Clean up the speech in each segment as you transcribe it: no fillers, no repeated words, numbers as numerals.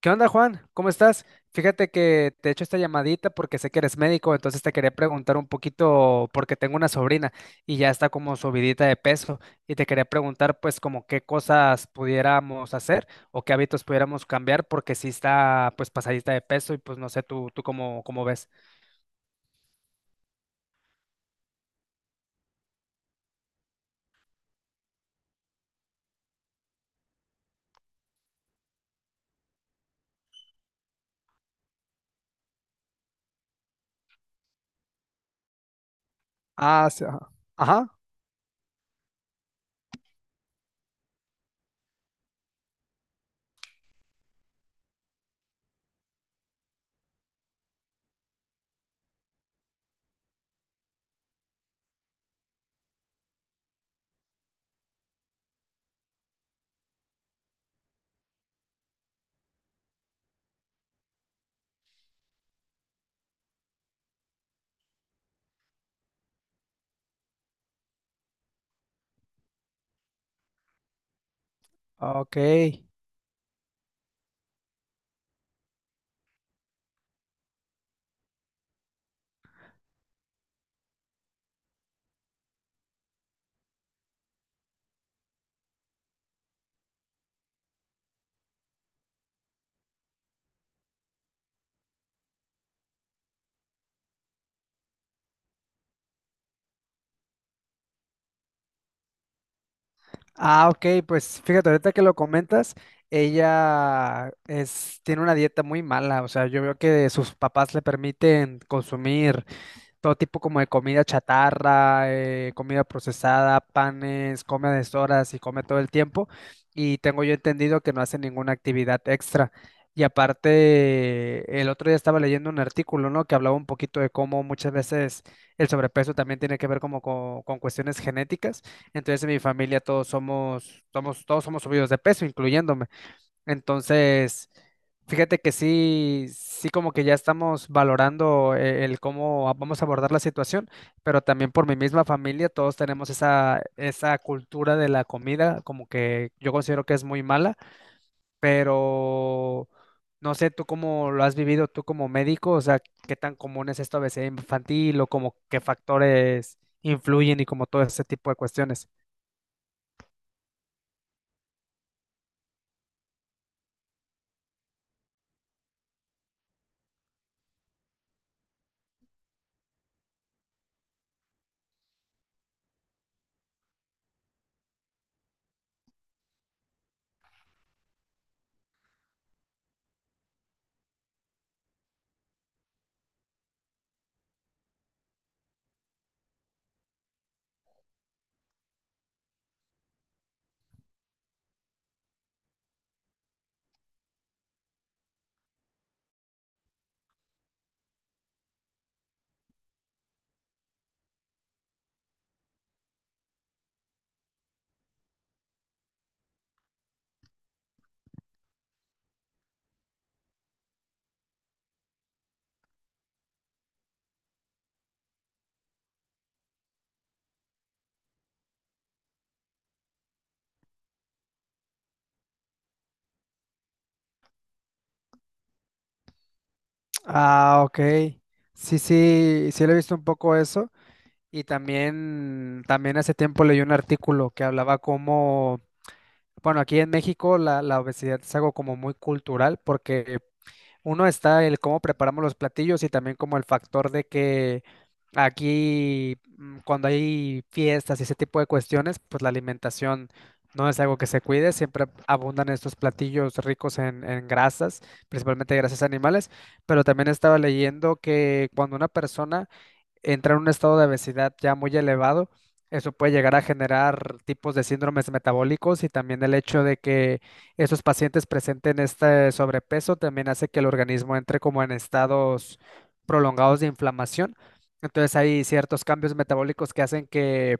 ¿Qué onda, Juan? ¿Cómo estás? Fíjate que te echo esta llamadita porque sé que eres médico, entonces te quería preguntar un poquito porque tengo una sobrina y ya está como subidita de peso, y te quería preguntar pues como qué cosas pudiéramos hacer o qué hábitos pudiéramos cambiar porque sí está pues pasadita de peso y pues no sé tú cómo ves. Ah, sí, ajá. Ajá. Ok. Ah, ok, pues fíjate, ahorita que lo comentas, ella es, tiene una dieta muy mala, o sea, yo veo que sus papás le permiten consumir todo tipo como de comida chatarra, comida procesada, panes, come a deshoras y come todo el tiempo. Y tengo yo entendido que no hace ninguna actividad extra. Y aparte, el otro día estaba leyendo un artículo, ¿no? Que hablaba un poquito de cómo muchas veces el sobrepeso también tiene que ver como con cuestiones genéticas. Entonces, en mi familia todos somos subidos de peso, incluyéndome. Entonces, fíjate que sí, sí como que ya estamos valorando el cómo vamos a abordar la situación, pero también por mi misma familia, todos tenemos esa cultura de la comida, como que yo considero que es muy mala, pero no sé tú cómo lo has vivido tú como médico, o sea, qué tan común es esta obesidad infantil o como qué factores influyen y como todo ese tipo de cuestiones. Ah, ok. Sí, sí, sí lo he visto un poco eso. Y también, también hace tiempo leí un artículo que hablaba como, bueno, aquí en México la obesidad es algo como muy cultural porque uno está el cómo preparamos los platillos y también como el factor de que aquí cuando hay fiestas y ese tipo de cuestiones, pues la alimentación no es algo que se cuide, siempre abundan estos platillos ricos en grasas, principalmente grasas animales, pero también estaba leyendo que cuando una persona entrar en un estado de obesidad ya muy elevado, eso puede llegar a generar tipos de síndromes metabólicos, y también el hecho de que esos pacientes presenten este sobrepeso también hace que el organismo entre como en estados prolongados de inflamación. Entonces hay ciertos cambios metabólicos que hacen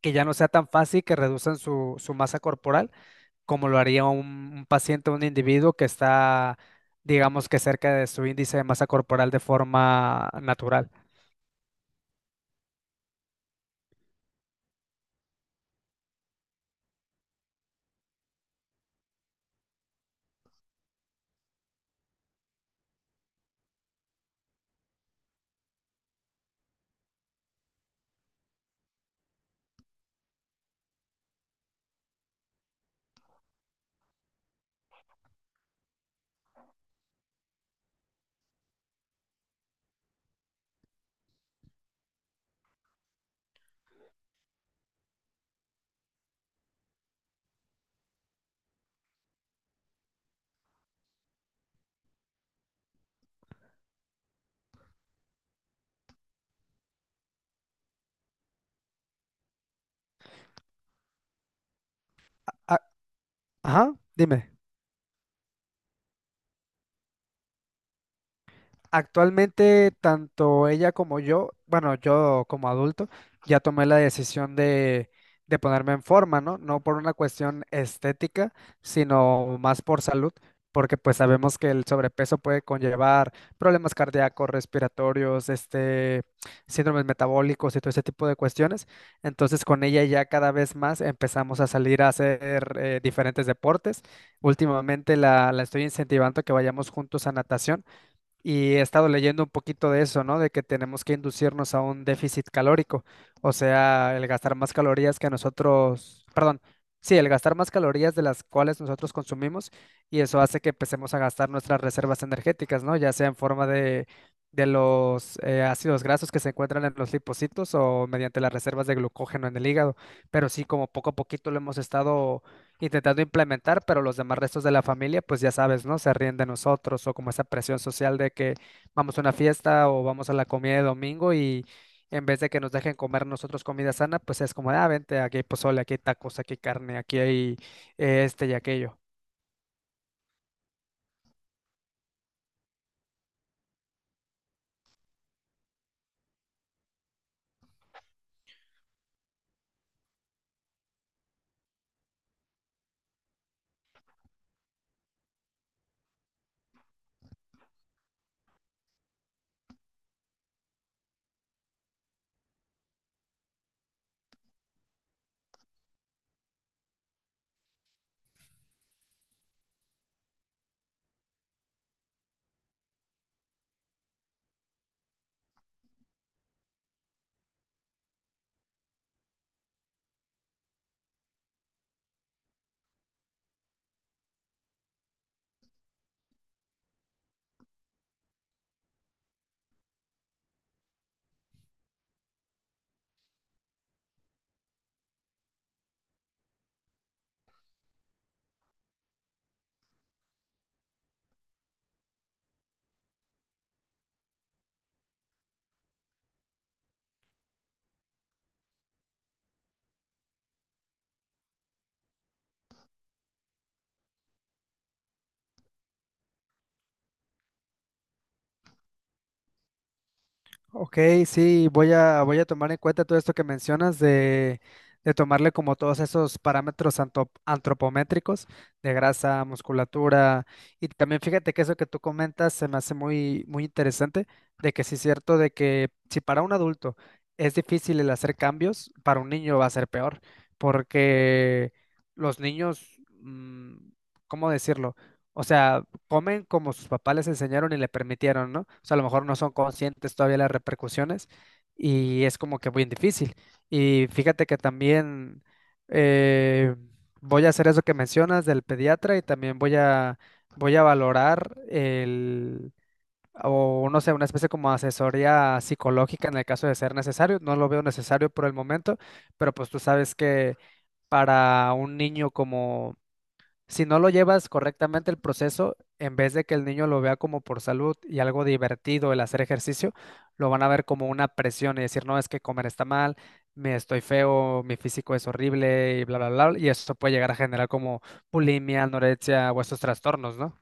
que ya no sea tan fácil que reduzcan su masa corporal como lo haría un paciente, un individuo que está, digamos que cerca de su índice de masa corporal de forma natural. A- Ajá, dime. Actualmente, tanto ella como yo, bueno, yo como adulto, ya tomé la decisión de ponerme en forma, ¿no? No por una cuestión estética, sino más por salud, porque pues sabemos que el sobrepeso puede conllevar problemas cardíacos, respiratorios, este, síndromes metabólicos y todo ese tipo de cuestiones. Entonces, con ella ya cada vez más empezamos a salir a hacer diferentes deportes. Últimamente la estoy incentivando a que vayamos juntos a natación y he estado leyendo un poquito de eso, ¿no? De que tenemos que inducirnos a un déficit calórico, o sea, el gastar más calorías que nosotros, perdón, sí, el gastar más calorías de las cuales nosotros consumimos, y eso hace que empecemos a gastar nuestras reservas energéticas, ¿no? Ya sea en forma de los ácidos grasos que se encuentran en los lipocitos o mediante las reservas de glucógeno en el hígado, pero sí, como poco a poquito lo hemos estado intentando implementar, pero los demás restos de la familia, pues ya sabes, ¿no? Se ríen de nosotros o como esa presión social de que vamos a una fiesta o vamos a la comida de domingo, y en vez de que nos dejen comer nosotros comida sana, pues es como, ah, vente, aquí hay pozole, aquí hay tacos, aquí hay carne, aquí hay este y aquello. Ok, sí, voy voy a tomar en cuenta todo esto que mencionas de tomarle como todos esos parámetros antropométricos de grasa, musculatura, y también fíjate que eso que tú comentas se me hace muy interesante, de que sí es cierto de que si para un adulto es difícil el hacer cambios, para un niño va a ser peor, porque los niños, ¿cómo decirlo? O sea, comen como sus papás les enseñaron y le permitieron, ¿no? O sea, a lo mejor no son conscientes todavía las repercusiones y es como que muy difícil. Y fíjate que también eh, voy a hacer eso que mencionas del pediatra y también voy voy a valorar el, o no sé, una especie como asesoría psicológica en el caso de ser necesario. No lo veo necesario por el momento, pero pues tú sabes que para un niño como si no lo llevas correctamente el proceso, en vez de que el niño lo vea como por salud y algo divertido el hacer ejercicio, lo van a ver como una presión y decir, no, es que comer está mal, me estoy feo, mi físico es horrible y bla, bla, bla. Y eso puede llegar a generar como bulimia, anorexia o estos trastornos, ¿no?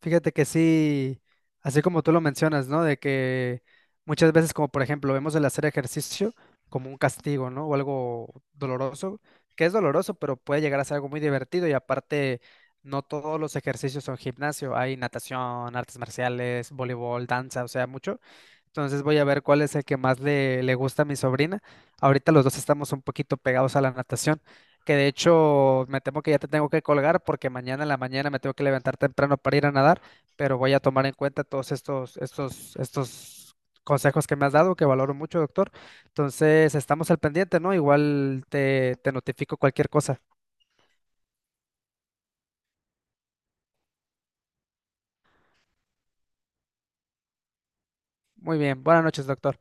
Fíjate que sí, así como tú lo mencionas, ¿no? De que muchas veces, como por ejemplo, vemos el hacer ejercicio como un castigo, ¿no? O algo doloroso, que es doloroso, pero puede llegar a ser algo muy divertido y aparte, no todos los ejercicios son gimnasio, hay natación, artes marciales, voleibol, danza, o sea, mucho. Entonces voy a ver cuál es el que más le gusta a mi sobrina. Ahorita los dos estamos un poquito pegados a la natación, que de hecho me temo que ya te tengo que colgar porque mañana en la mañana me tengo que levantar temprano para ir a nadar, pero voy a tomar en cuenta todos estos consejos que me has dado, que valoro mucho, doctor. Entonces estamos al pendiente, ¿no? Igual te notifico cualquier cosa. Muy bien, buenas noches, doctor.